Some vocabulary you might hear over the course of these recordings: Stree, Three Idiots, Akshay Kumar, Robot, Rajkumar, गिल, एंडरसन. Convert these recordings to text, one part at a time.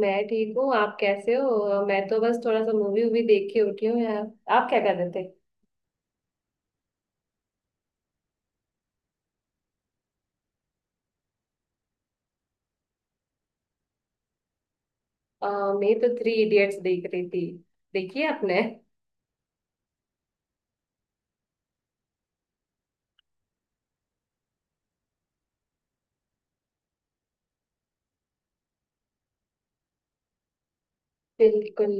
मैं ठीक हूँ। आप कैसे हो? मैं तो बस थोड़ा सा मूवी वूवी देख के उठी हूँ यार। आप क्या कर रहे थे? अ, मैं तो थ्री इडियट्स देख रही थी। देखिए आपने? बिल्कुल।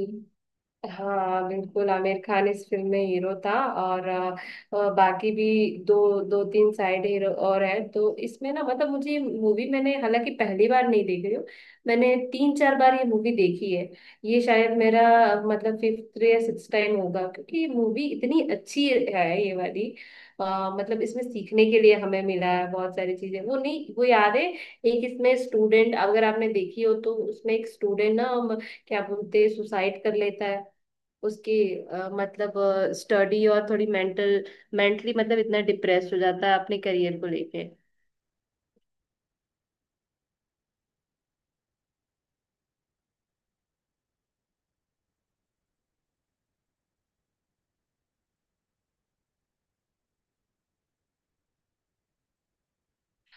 हाँ बिल्कुल, आमिर खान इस फिल्म में हीरो था। और बाकी भी दो दो तीन साइड हीरो और हैं। तो इसमें ना मतलब मुझे मूवी, मैंने हालांकि पहली बार नहीं देखी हूँ। मैंने तीन चार बार ये मूवी देखी है। ये शायद मेरा मतलब फिफ्थ या सिक्स टाइम होगा क्योंकि ये मूवी इतनी अच्छी है, ये वाली। अ, मतलब इसमें सीखने के लिए हमें मिला है बहुत सारी चीजें। वो नहीं, वो याद है, एक इसमें स्टूडेंट, अगर आपने देखी हो तो उसमें एक स्टूडेंट ना हम क्या बोलते हैं, सुसाइड कर लेता है उसकी। मतलब स्टडी, और थोड़ी मेंटली मतलब इतना डिप्रेस हो जाता है अपने करियर को लेके।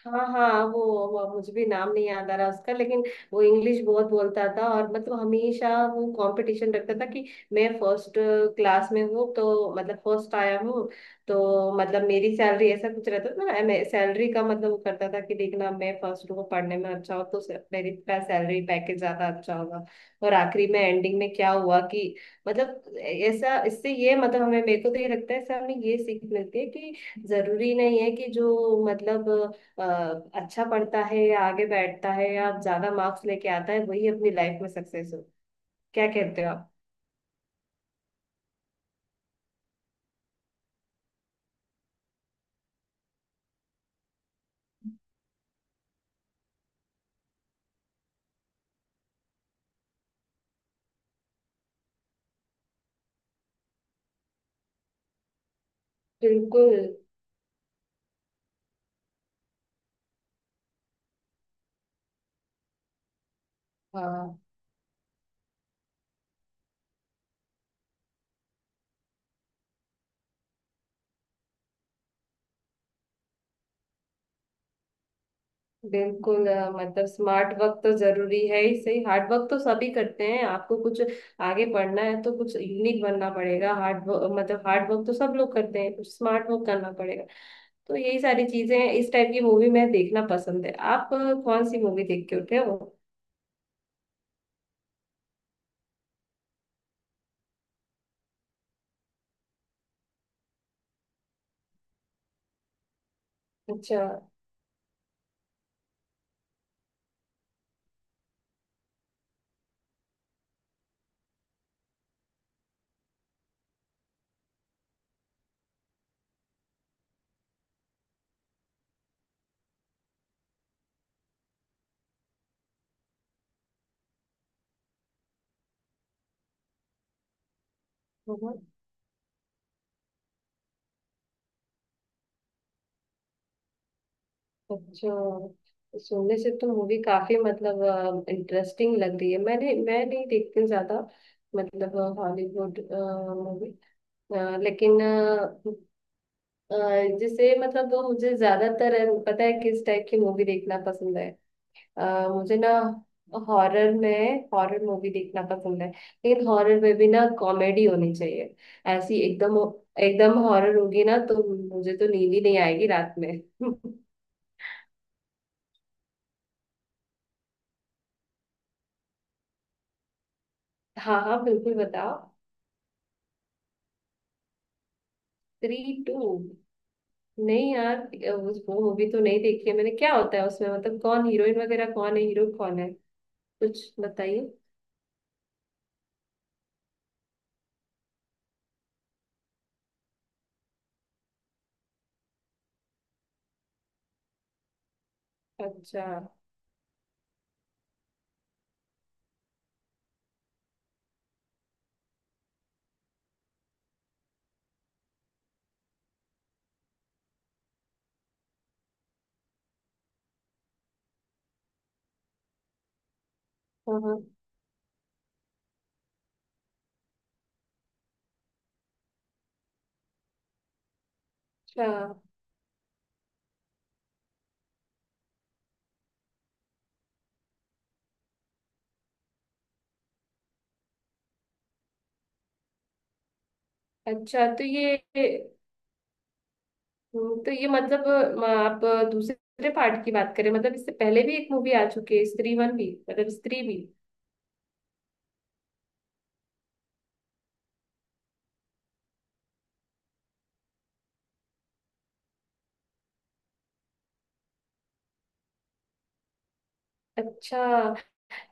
हाँ हाँ, वो मुझे भी नाम नहीं याद आ रहा उसका लेकिन। वो इंग्लिश बहुत बोलता था, और मतलब हमेशा वो कंपटीशन रखता था कि मैं फर्स्ट क्लास में हूँ, तो मतलब फर्स्ट आया हूँ। तो मतलब मेरी सैलरी, ऐसा कुछ रहता था ना, मैं सैलरी का मतलब वो करता था कि देखना मैं फर्स्ट हूँ पढ़ने में, अच्छा हो तो मेरी सैलरी पैकेज ज्यादा अच्छा होगा। और आखिरी में एंडिंग में क्या हुआ कि मतलब ऐसा, इससे ये मतलब हमें, मेरे को तो ये लगता है इससे हमें ये सीख मिलती है कि जरूरी नहीं है कि जो मतलब अ, अच्छा पढ़ता है, या आगे बैठता है, या ज्यादा मार्क्स लेके आता है, वही अपनी लाइफ में सक्सेस हो। क्या कहते हो आप? बिल्कुल। हाँ बिल्कुल, मतलब स्मार्ट वर्क तो जरूरी है ही, सही, हार्ड वर्क तो सभी करते हैं, आपको कुछ आगे पढ़ना है तो कुछ यूनिक बनना पड़ेगा। हार्ड वर्क तो सब लोग करते हैं, कुछ स्मार्ट वर्क करना पड़ेगा। तो यही सारी चीजें हैं। इस टाइप की मूवी मैं देखना पसंद है। आप कौन सी मूवी देख के उठे हो? अच्छा। अच्छा, सोने से तो मूवी काफी मतलब इंटरेस्टिंग लग रही है। मैं नहीं देखती हूँ ज्यादा मतलब हॉलीवुड मूवी, लेकिन अ, जैसे मतलब, वो मुझे ज्यादातर पता है किस टाइप की मूवी देखना पसंद है? मुझे ना हॉरर मूवी देखना पसंद है, लेकिन हॉरर में भी ना कॉमेडी होनी चाहिए। ऐसी एकदम एकदम हॉरर होगी ना, तो मुझे तो नींद ही नहीं आएगी रात में। हाँ हाँ बिल्कुल, बताओ। Three, to. नहीं यार, उस वो मूवी तो नहीं देखी है मैंने। क्या होता है उसमें मतलब, कौन हीरोइन वगैरह, कौन है हीरो, कौन है? कुछ बताइए। अच्छा। हाँ हाँ। अच्छा। अच्छा तो ये, तो ये मतलब, आप दूसरे पार्ट की बात करें मतलब, इससे पहले भी एक मूवी आ चुकी है स्त्री वन भी, मतलब स्त्री भी। अच्छा।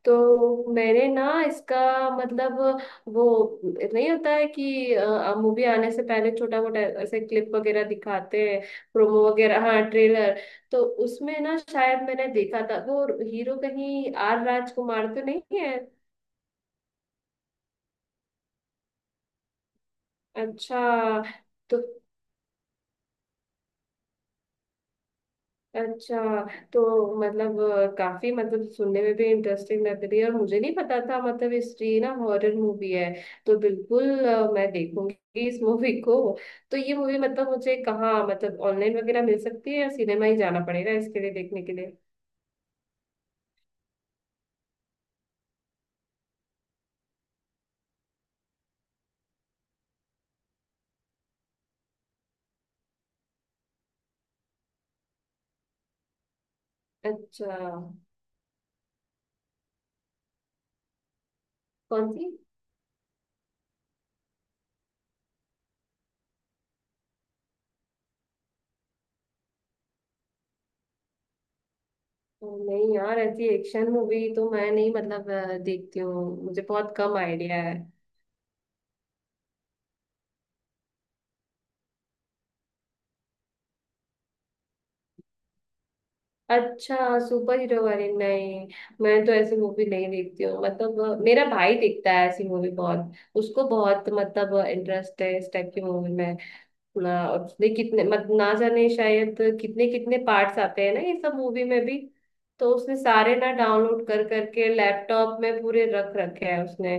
तो मैंने ना इसका मतलब, वो नहीं होता है कि मूवी आने से पहले छोटा मोटा ऐसे क्लिप वगैरह दिखाते हैं, प्रोमो वगैरह, हाँ ट्रेलर। तो उसमें ना शायद मैंने देखा था, वो हीरो कहीं आर राजकुमार तो नहीं है? अच्छा। तो अच्छा, तो मतलब काफी मतलब सुनने में भी इंटरेस्टिंग लग रही है, और मुझे नहीं पता था मतलब हिस्ट्री ना हॉरर मूवी है। तो बिल्कुल, मैं देखूंगी इस मूवी को। तो ये मूवी मतलब मुझे कहाँ मतलब ऑनलाइन वगैरह मिल सकती है, या सिनेमा ही जाना पड़ेगा इसके लिए देखने के लिए? अच्छा। कौन सी? नहीं यार, ऐसी एक्शन मूवी तो मैं नहीं मतलब देखती हूँ, मुझे बहुत कम आइडिया है। अच्छा। सुपर हीरो वाली? नहीं, मैं तो ऐसी मूवी नहीं देखती हूँ, मतलब मेरा भाई देखता है ऐसी मूवी बहुत। उसको बहुत मतलब इंटरेस्ट है इस टाइप की मूवी में ना, और उसने कितने मत ना जाने, शायद कितने कितने पार्ट्स आते हैं ना ये सब मूवी में भी। तो उसने सारे ना डाउनलोड कर करके लैपटॉप में पूरे रख रखे हैं उसने।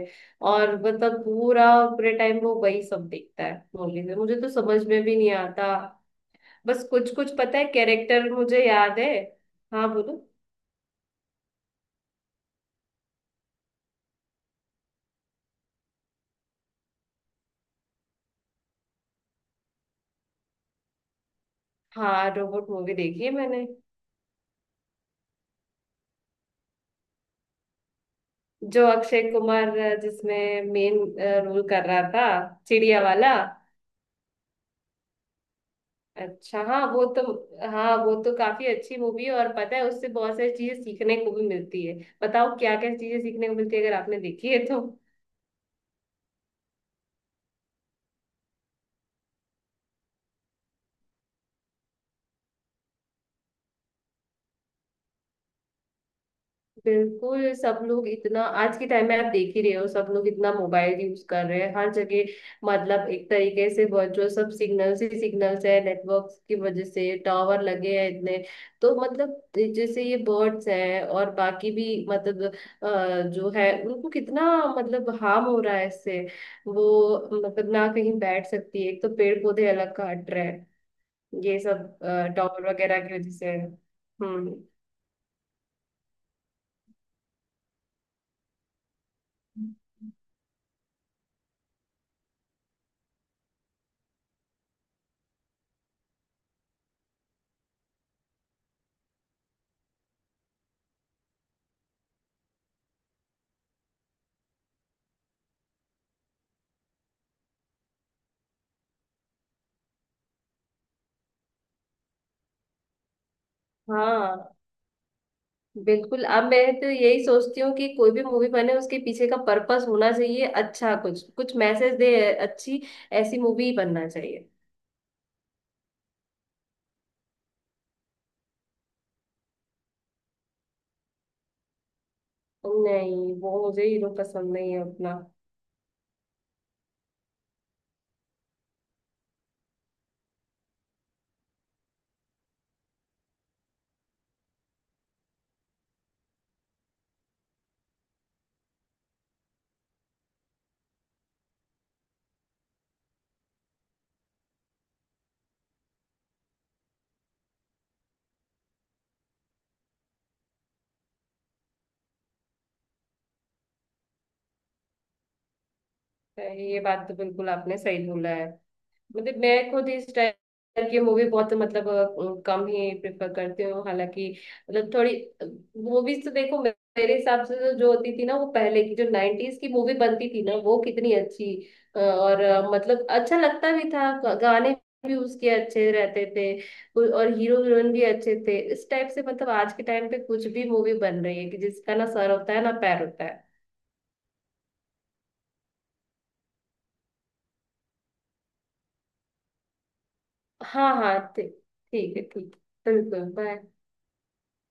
और मतलब पूरा पूरे टाइम वो वही सब देखता है मूवी में, मुझे तो समझ में भी नहीं आता। बस कुछ कुछ पता है कैरेक्टर, मुझे याद है। हाँ बोलो। हाँ, रोबोट मूवी देखी है मैंने। जो अक्षय कुमार जिसमें मेन रोल कर रहा था, चिड़िया वाला। अच्छा। हाँ वो तो काफी अच्छी मूवी है, और पता है उससे बहुत सारी चीजें सीखने को भी मिलती है। बताओ क्या क्या चीजें सीखने को मिलती है, अगर आपने देखी है तो। बिल्कुल। सब लोग इतना, आज के टाइम में आप देख ही रहे हो, सब लोग इतना मोबाइल यूज कर रहे हैं हर जगह। मतलब एक तरीके से वर्चुअल सब सिग्नल्स ही सिग्नल्स है, नेटवर्क की वजह से टावर लगे हैं इतने। तो मतलब जैसे ये बर्ड्स हैं और बाकी भी मतलब जो है, उनको कितना मतलब हार्म हो रहा है इससे। वो मतलब ना कहीं बैठ सकती है, एक तो पेड़ पौधे अलग काट रहे हैं, ये सब टावर वगैरह की वजह से। हम्म। हाँ बिल्कुल। अब मैं तो यही सोचती हूँ कि कोई भी मूवी बने, उसके पीछे का पर्पस होना चाहिए, अच्छा कुछ कुछ मैसेज दे। अच्छी ऐसी मूवी बनना चाहिए। नहीं, वो मुझे हीरो पसंद नहीं है अपना। ये बात तो बिल्कुल आपने सही बोला है। मतलब मैं खुद इस टाइप की मूवी बहुत मतलब कम ही प्रेफर करती हूँ, हालांकि मतलब थोड़ी मूवीज तो देखो, मेरे हिसाब से तो जो होती थी ना, वो पहले की जो 90s की मूवी बनती थी ना, वो कितनी अच्छी। और मतलब अच्छा लगता भी था, गाने भी उसके अच्छे रहते थे, और हीरो हीरोइन भी अच्छे थे इस टाइप से। मतलब आज के टाइम पे कुछ भी मूवी बन रही है कि जिसका ना सर होता है ना पैर होता है। हाँ हाँ, ठीक। ठीक है, ठीक। बिल्कुल, बाय।